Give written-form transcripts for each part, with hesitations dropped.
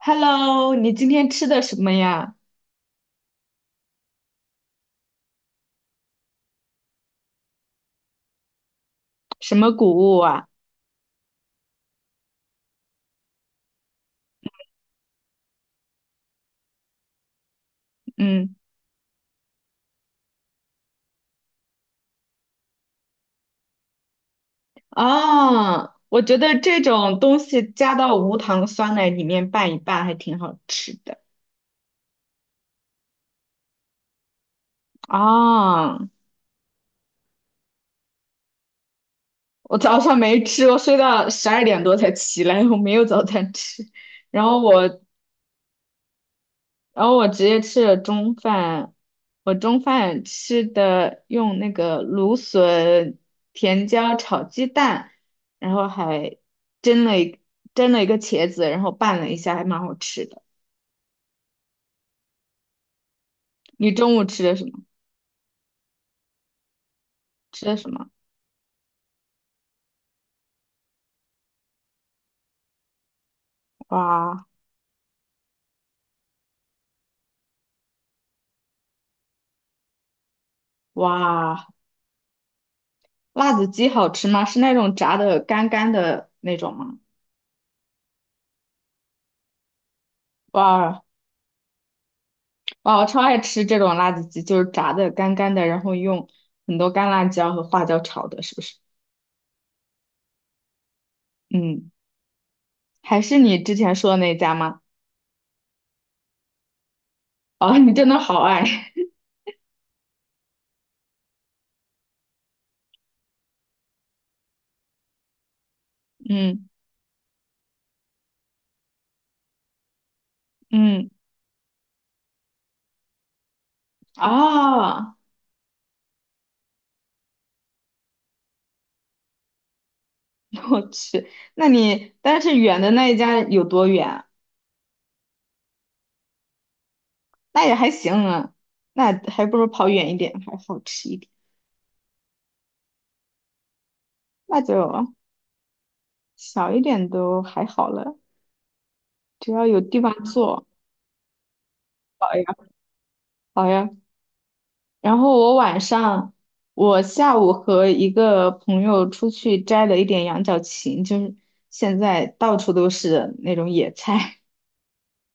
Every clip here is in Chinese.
Hello，你今天吃的什么呀？什么谷物啊？嗯，啊，我觉得这种东西加到无糖酸奶里面拌一拌还挺好吃的。啊，我早上没吃，我睡到12点多才起来，我没有早餐吃。然后我然后我直接吃了中饭，我中饭吃的用那个芦笋、甜椒炒鸡蛋，然后还蒸了一蒸了一个茄子，然后拌了一下，还蛮好吃的。你中午吃的什么？吃的什么？哇哇，辣子鸡好吃吗？是那种炸的干干的那种吗？哇哇，我超爱吃这种辣子鸡，就是炸的干干的，然后用很多干辣椒和花椒炒的，是不是？嗯。还是你之前说的那家吗？哦，你真的好爱，嗯嗯，啊，我去，那你但是远的那一家有多远啊？那也还行啊，那还不如跑远一点，还好吃一点。那就小一点都还好了，只要有地方坐。好呀，好呀。然后我晚上，我下午和一个朋友出去摘了一点羊角芹，就是现在到处都是那种野菜。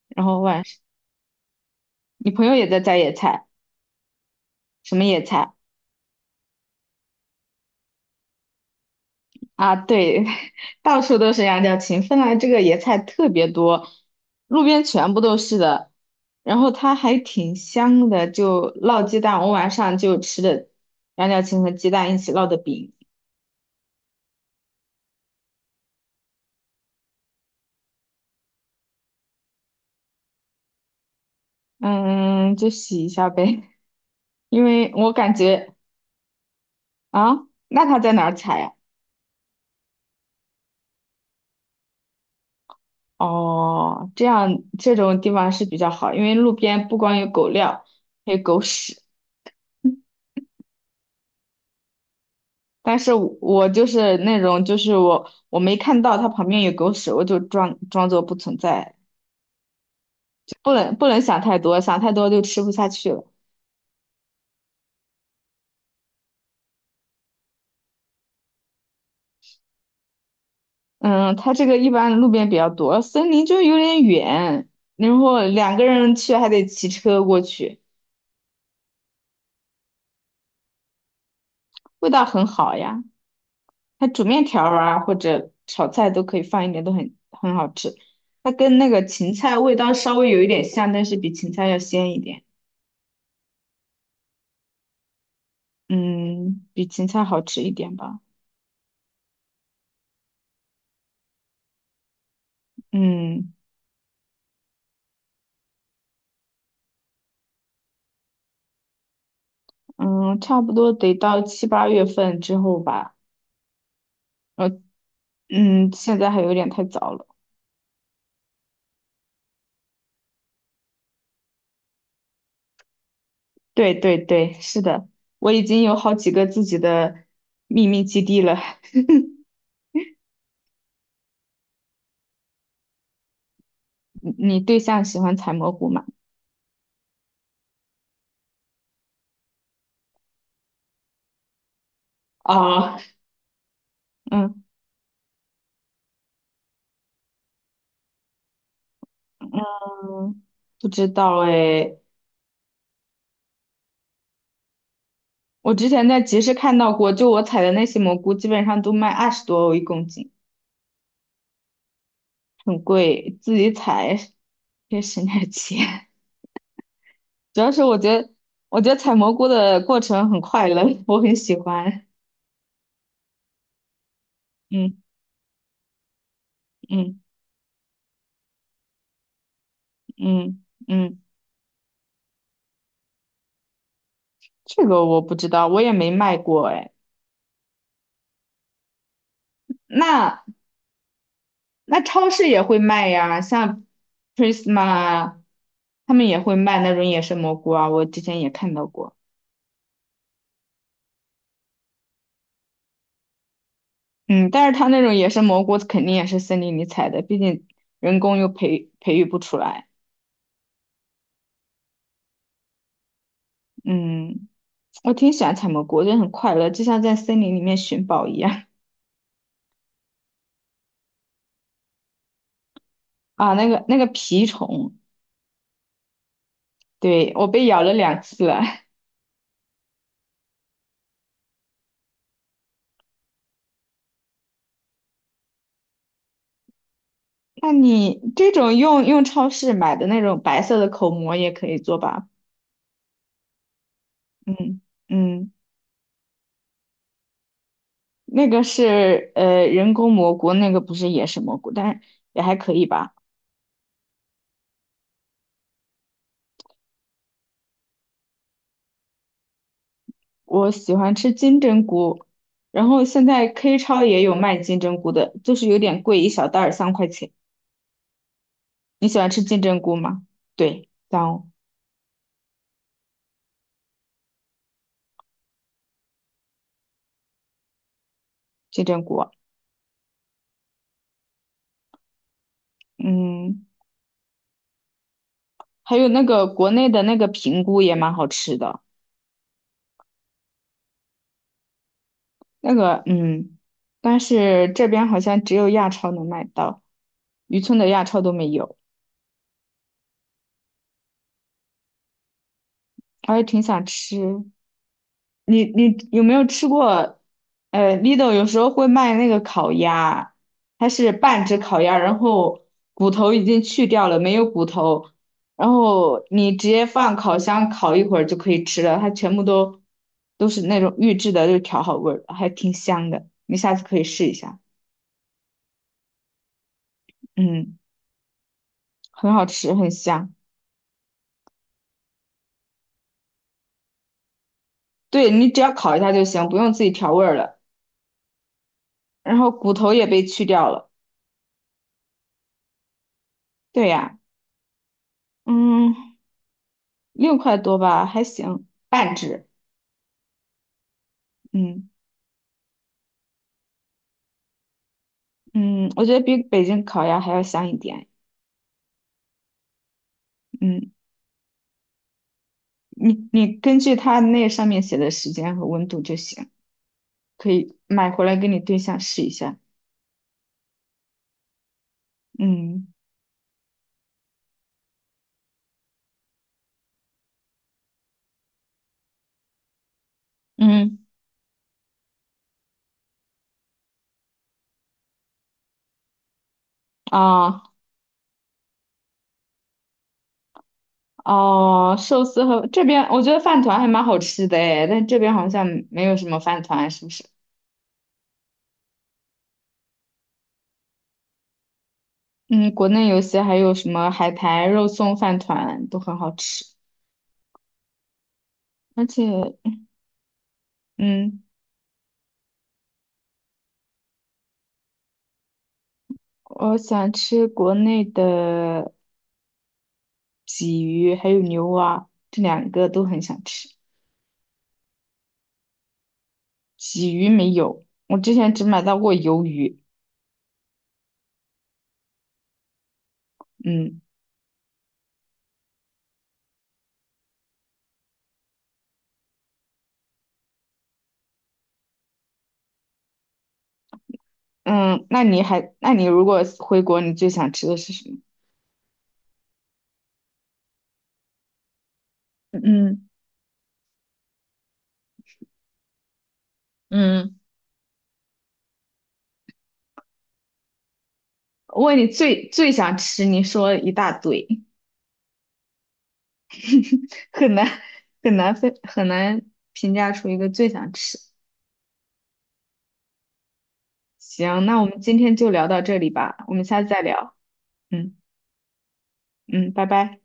然后晚你朋友也在摘野菜，什么野菜啊？对，到处都是羊角芹，芬兰这个野菜特别多，路边全部都是的，然后它还挺香的，就烙鸡蛋，我晚上就吃的羊角芹和鸡蛋一起烙的饼，嗯，就洗一下呗，因为我感觉啊，那它在哪儿采呀？哦，这样这种地方是比较好，因为路边不光有狗料，还有狗屎。但是我就是那种，就是我没看到它旁边有狗屎，我就装作不存在，就不能想太多，想太多就吃不下去了。嗯，它这个一般路边比较多，森林就有点远，然后两个人去还得骑车过去，味道很好呀。它煮面条儿啊或者炒菜都可以放一点，都很好吃。它跟那个芹菜味道稍微有一点像，但是比芹菜要鲜一点，嗯，比芹菜好吃一点吧。嗯。嗯，差不多得到7、8月份之后吧。呃，嗯，现在还有点太早了。对对对，是的，我已经有好几个自己的秘密基地了。你对象喜欢采蘑菇吗？啊，嗯嗯，不知道哎。我之前在集市看到过，就我采的那些蘑菇，基本上都卖20多欧1公斤，很贵，自己采也省点钱。主要是我觉得，我觉得采蘑菇的过程很快乐，我很喜欢。嗯嗯嗯嗯，这个我不知道，我也没卖过哎。那那超市也会卖呀，像 Prisma 啊，他们也会卖那种野生蘑菇啊，我之前也看到过。嗯，但是它那种野生蘑菇肯定也是森林里采的，毕竟人工又培育不出来。嗯，我挺喜欢采蘑菇，我觉得很快乐，就像在森林里面寻宝一样。啊，那个那个蜱虫，对，我被咬了2次了。那你这种用超市买的那种白色的口蘑也可以做吧？嗯嗯，那个是人工蘑菇，那个不是野生蘑菇，但是也还可以吧。我喜欢吃金针菇，然后现在 K 超也有卖金针菇的，就是有点贵，一小袋儿3块钱。你喜欢吃金针菇吗？对，当金针菇啊，嗯，还有那个国内的那个平菇也蛮好吃的。那个，嗯，但是这边好像只有亚超能买到，渔村的亚超都没有，我也挺想吃。你你有没有吃过？Lidl 有时候会卖那个烤鸭，它是半只烤鸭，然后骨头已经去掉了，没有骨头，然后你直接放烤箱烤一会儿就可以吃了，它全部都是那种预制的，就调好味儿，还挺香的，你下次可以试一下，嗯，很好吃，很香。对，你只要烤一下就行，不用自己调味儿了。然后骨头也被去掉了。对呀，嗯，6块多吧，还行，半只。嗯嗯，我觉得比北京烤鸭还要香一点。嗯，你根据它那上面写的时间和温度就行，可以买回来给你对象试一下。嗯嗯啊哦，寿司和这边我觉得饭团还蛮好吃的诶，但这边好像没有什么饭团，是不是？嗯，国内有些还有什么海苔肉松饭团都很好吃，而且，嗯，我想吃国内的鲫鱼还有牛蛙，这两个都很想吃。鲫鱼没有，我之前只买到过鱿鱼。嗯嗯，那你还，那你如果回国，你最想吃的是什么？嗯嗯，我问你最想吃，你说了一大堆，很难很难分，很难评价出一个最想吃。行，那我们今天就聊到这里吧，我们下次再聊。嗯嗯，拜拜。